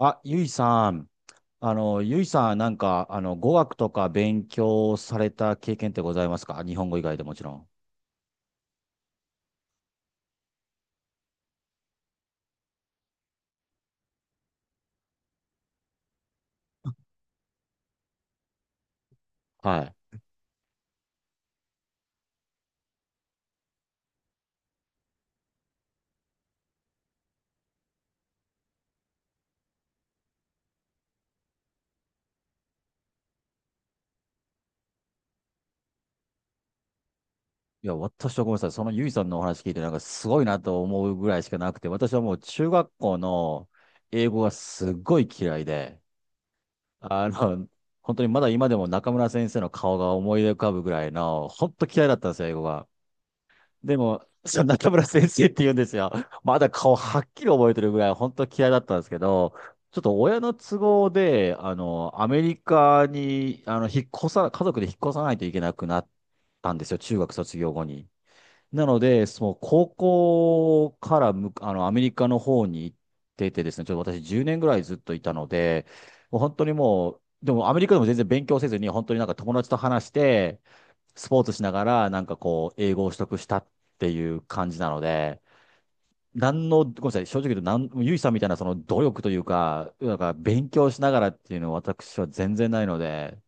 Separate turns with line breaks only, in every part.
あ、ゆいさん。ゆいさん、語学とか勉強された経験ってございますか？日本語以外でもちろん。はい。いや、私はごめんなさい。そのゆいさんのお話聞いて、なんかすごいなと思うぐらいしかなくて、私はもう中学校の英語がすっごい嫌いで、あの、本当にまだ今でも中村先生の顔が思い浮かぶぐらいの、本当嫌いだったんですよ、英語が。でも、その中村先生って言うんですよ。まだ顔はっきり覚えてるぐらい、本当嫌いだったんですけど、ちょっと親の都合で、アメリカに、あの、引っ越さ、家族で引っ越さないといけなくなったんですよ、中学卒業後に。なので、その高校からむ、あの、アメリカの方に行っててですね、ちょっと私10年ぐらいずっといたので、もう本当にもう、でもアメリカでも全然勉強せずに、本当になんか友達と話して、スポーツしながら、英語を取得したっていう感じなので、なんの、ごめんなさい、正直言うと、ゆいさんみたいなその努力というか、なんか勉強しながらっていうのは私は全然ないので、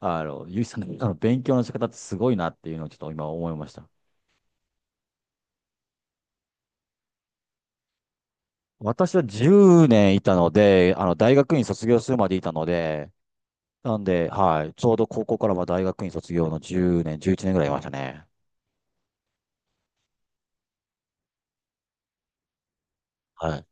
ゆいさんのあの勉強の仕方ってすごいなっていうのをちょっと今思いました。私は10年いたので、大学院卒業するまでいたので、なんで、はい、ちょうど高校からは大学院卒業の10年、11年ぐらいいましたね。はい。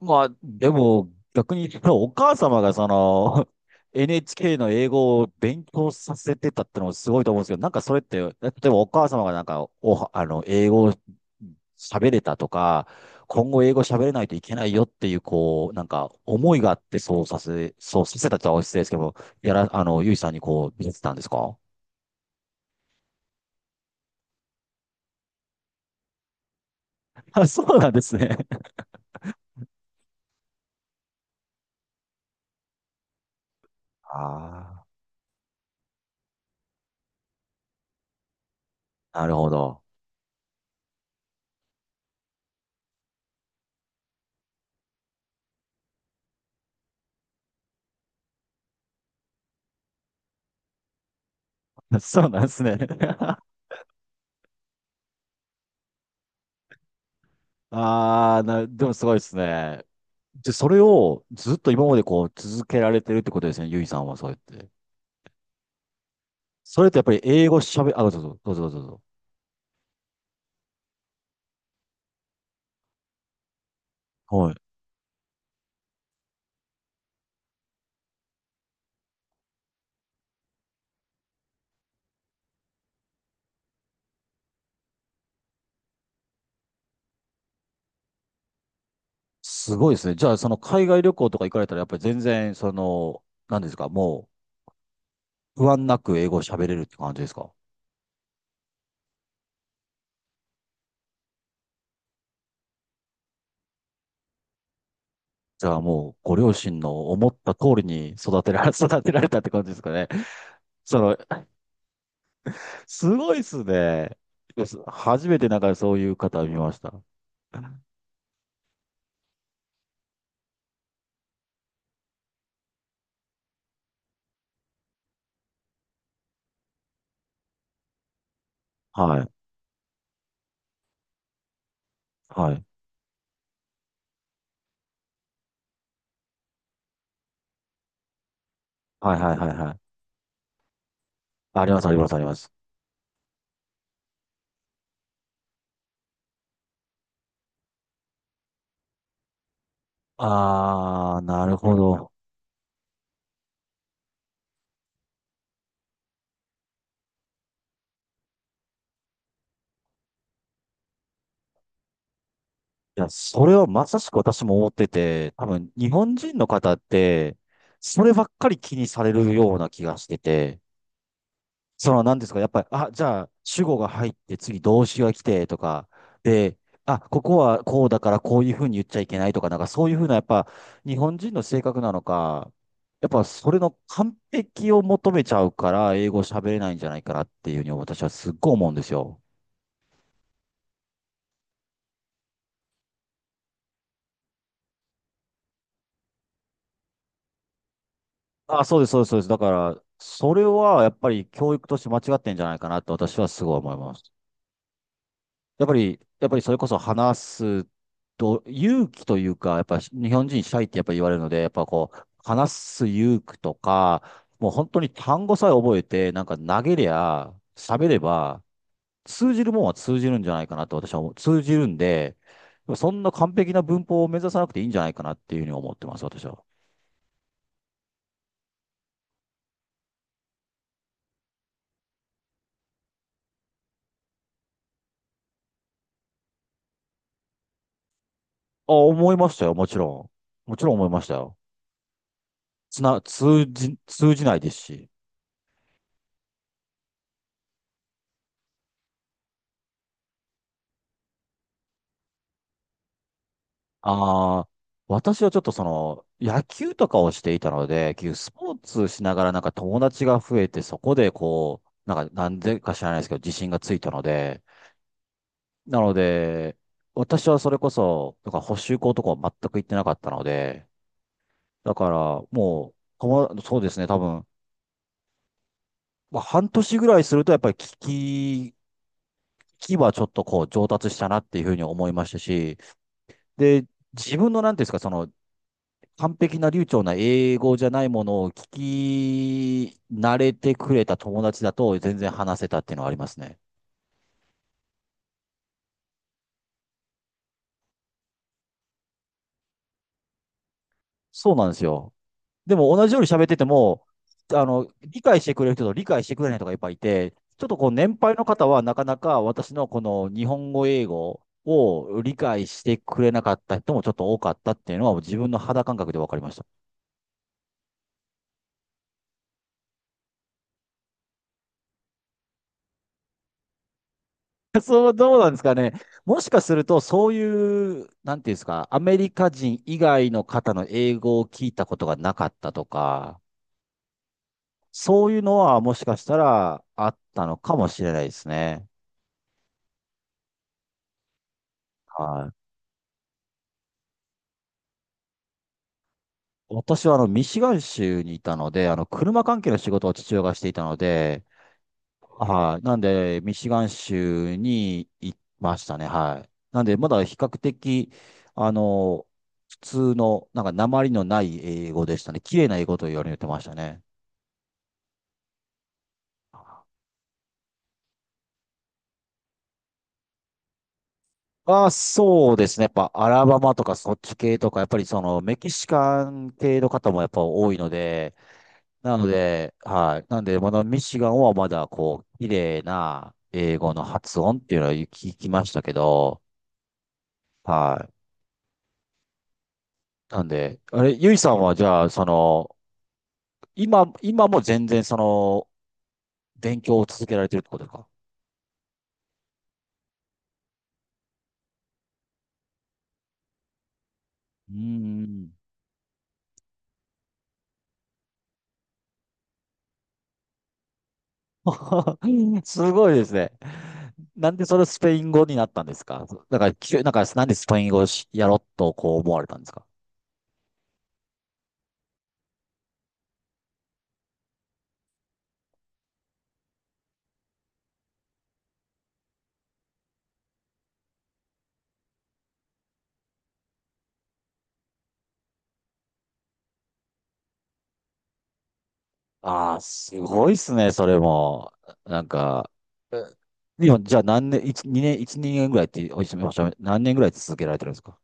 まあ、でも、逆に言うとお母様がNHK の英語を勉強させてたってのもすごいと思うんですけど、なんかそれって、例えばお母様がなんか、お、あの、英語を喋れたとか、今後英語喋れないといけないよっていう、なんか思いがあってそうさせたとは失礼ですけど、やら、あの、ゆいさんにこう見せてたんですか？あ、そうなんですね。ああ、なるほど。そうなんですね。ああ、でもすごいですね。で、それをずっと今までこう続けられてるってことですね、ゆいさんはそうやって。それってやっぱり英語喋、あ、どうぞどうぞどうぞどうぞ。はい。すごいですね。じゃあ、その海外旅行とか行かれたら、やっぱり全然、その、何ですか、もう不安なく英語を喋れるって感じですか？じゃあもう、ご両親の思った通りに育てられ、育てられたって感じですかね。その、すごいっすね。初めてなんかそういう方見ました。はい。はい。はいはいはいはい。ありますありますあります。ああ、なるほど。いや、それはまさしく私も思ってて、多分日本人の方って、そればっかり気にされるような気がしてて、その何ですか、やっぱり、じゃあ主語が入って次動詞が来てとか、で、ここはこうだからこういうふうに言っちゃいけないとか、なんかそういうふうな、やっぱ日本人の性格なのか、やっぱそれの完璧を求めちゃうから、英語喋れないんじゃないかなっていうふうに私はすっごい思うんですよ。あ、そうです、そうです、そうです。だから、それはやっぱり教育として間違ってんじゃないかなって私はすごい思います。やっぱりそれこそ話すと、勇気というか、やっぱ日本人シャイってやっぱ言われるので、やっぱこう、話す勇気とか、もう本当に単語さえ覚えて、なんか投げりゃ、喋れば、通じるもんは通じるんじゃないかなと私は思う。通じるんで、そんな完璧な文法を目指さなくていいんじゃないかなっていうふうに思ってます、私は。あ、思いましたよ、もちろん。もちろん思いましたよ。つな、通じ、通じないですし。ああ、私はちょっと野球とかをしていたので、結局スポーツしながらなんか友達が増えて、そこでなんでか知らないですけど、自信がついたので、なので、私はそれこそ、なんか補習校とかは全く行ってなかったので、だからもう、そうですね、多分、まあ、半年ぐらいするとやっぱり聞きはちょっとこう上達したなっていうふうに思いましたし、で、自分のなんていうんですか、その完璧な流暢な英語じゃないものを聞き慣れてくれた友達だと全然話せたっていうのはありますね。そうなんですよ。でも同じように喋ってても、理解してくれる人と理解してくれない人がいっぱいいて、ちょっと年配の方はなかなか私のこの日本語英語を理解してくれなかった人もちょっと多かったっていうのは自分の肌感覚で分かりました。そう、どうなんですかね。もしかすると、そういう、なんていうんですか、アメリカ人以外の方の英語を聞いたことがなかったとか、そういうのはもしかしたらあったのかもしれないですね。はい。私はミシガン州にいたので、車関係の仕事を父親がしていたので、はい。なんで、ミシガン州に行きましたね。はい。なんで、まだ比較的、あの、普通の、訛りのない英語でしたね。綺麗な英語と言われてましたね。あ、そうですね。やっぱ、アラバマとかそっち系とか、やっぱりメキシカン系の方もやっぱ多いので、なので、はい。なんで、まだミシガンはまだ、綺麗な英語の発音っていうのは聞きましたけど、はい。なんで、ゆいさんはじゃあ、今も全然勉強を続けられてるってことですか？うーん。すごいですね。なんでそれスペイン語になったんですか？だから、きゅなんか、なんでスペイン語をしやろうとこう思われたんですか？ああ、すごいっすね、それも。なんか、えでも、じゃあ何年、一二年ぐらいっておっしゃ何年ぐらい続けられてるんですか？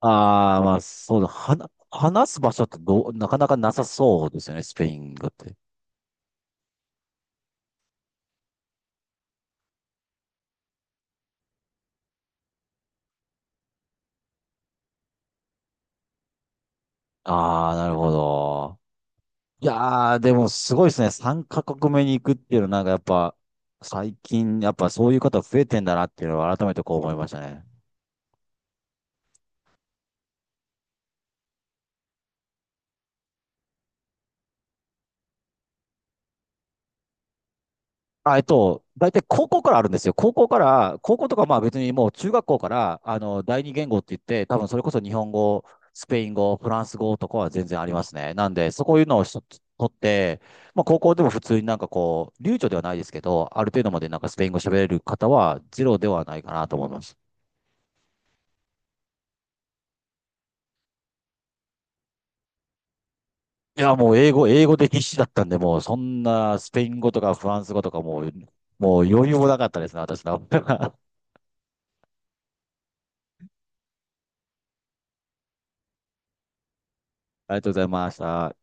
ああ、まあ、そうだ。話す場所ってなかなかなさそうですよね、スペイン語って。ああ、なるほど。いやー、でもすごいですね。3カ国目に行くっていうのは、なんかやっぱ、最近、やっぱそういう方増えてんだなっていうのは改めてこう思いましたね。あ、大体高校からあるんですよ。高校とかまあ別にもう中学校から、第二言語って言って、多分それこそ日本語、スペイン語、フランス語とかは全然ありますね。なんで、そこいうのを取って、まあ高校でも普通に流暢ではないですけど、ある程度までなんかスペイン語喋れる方はゼロではないかなと思います。いや、もう英語で必死だったんで、もうそんなスペイン語とかフランス語とかもう余裕もなかったですね、私の。ありがとうございました。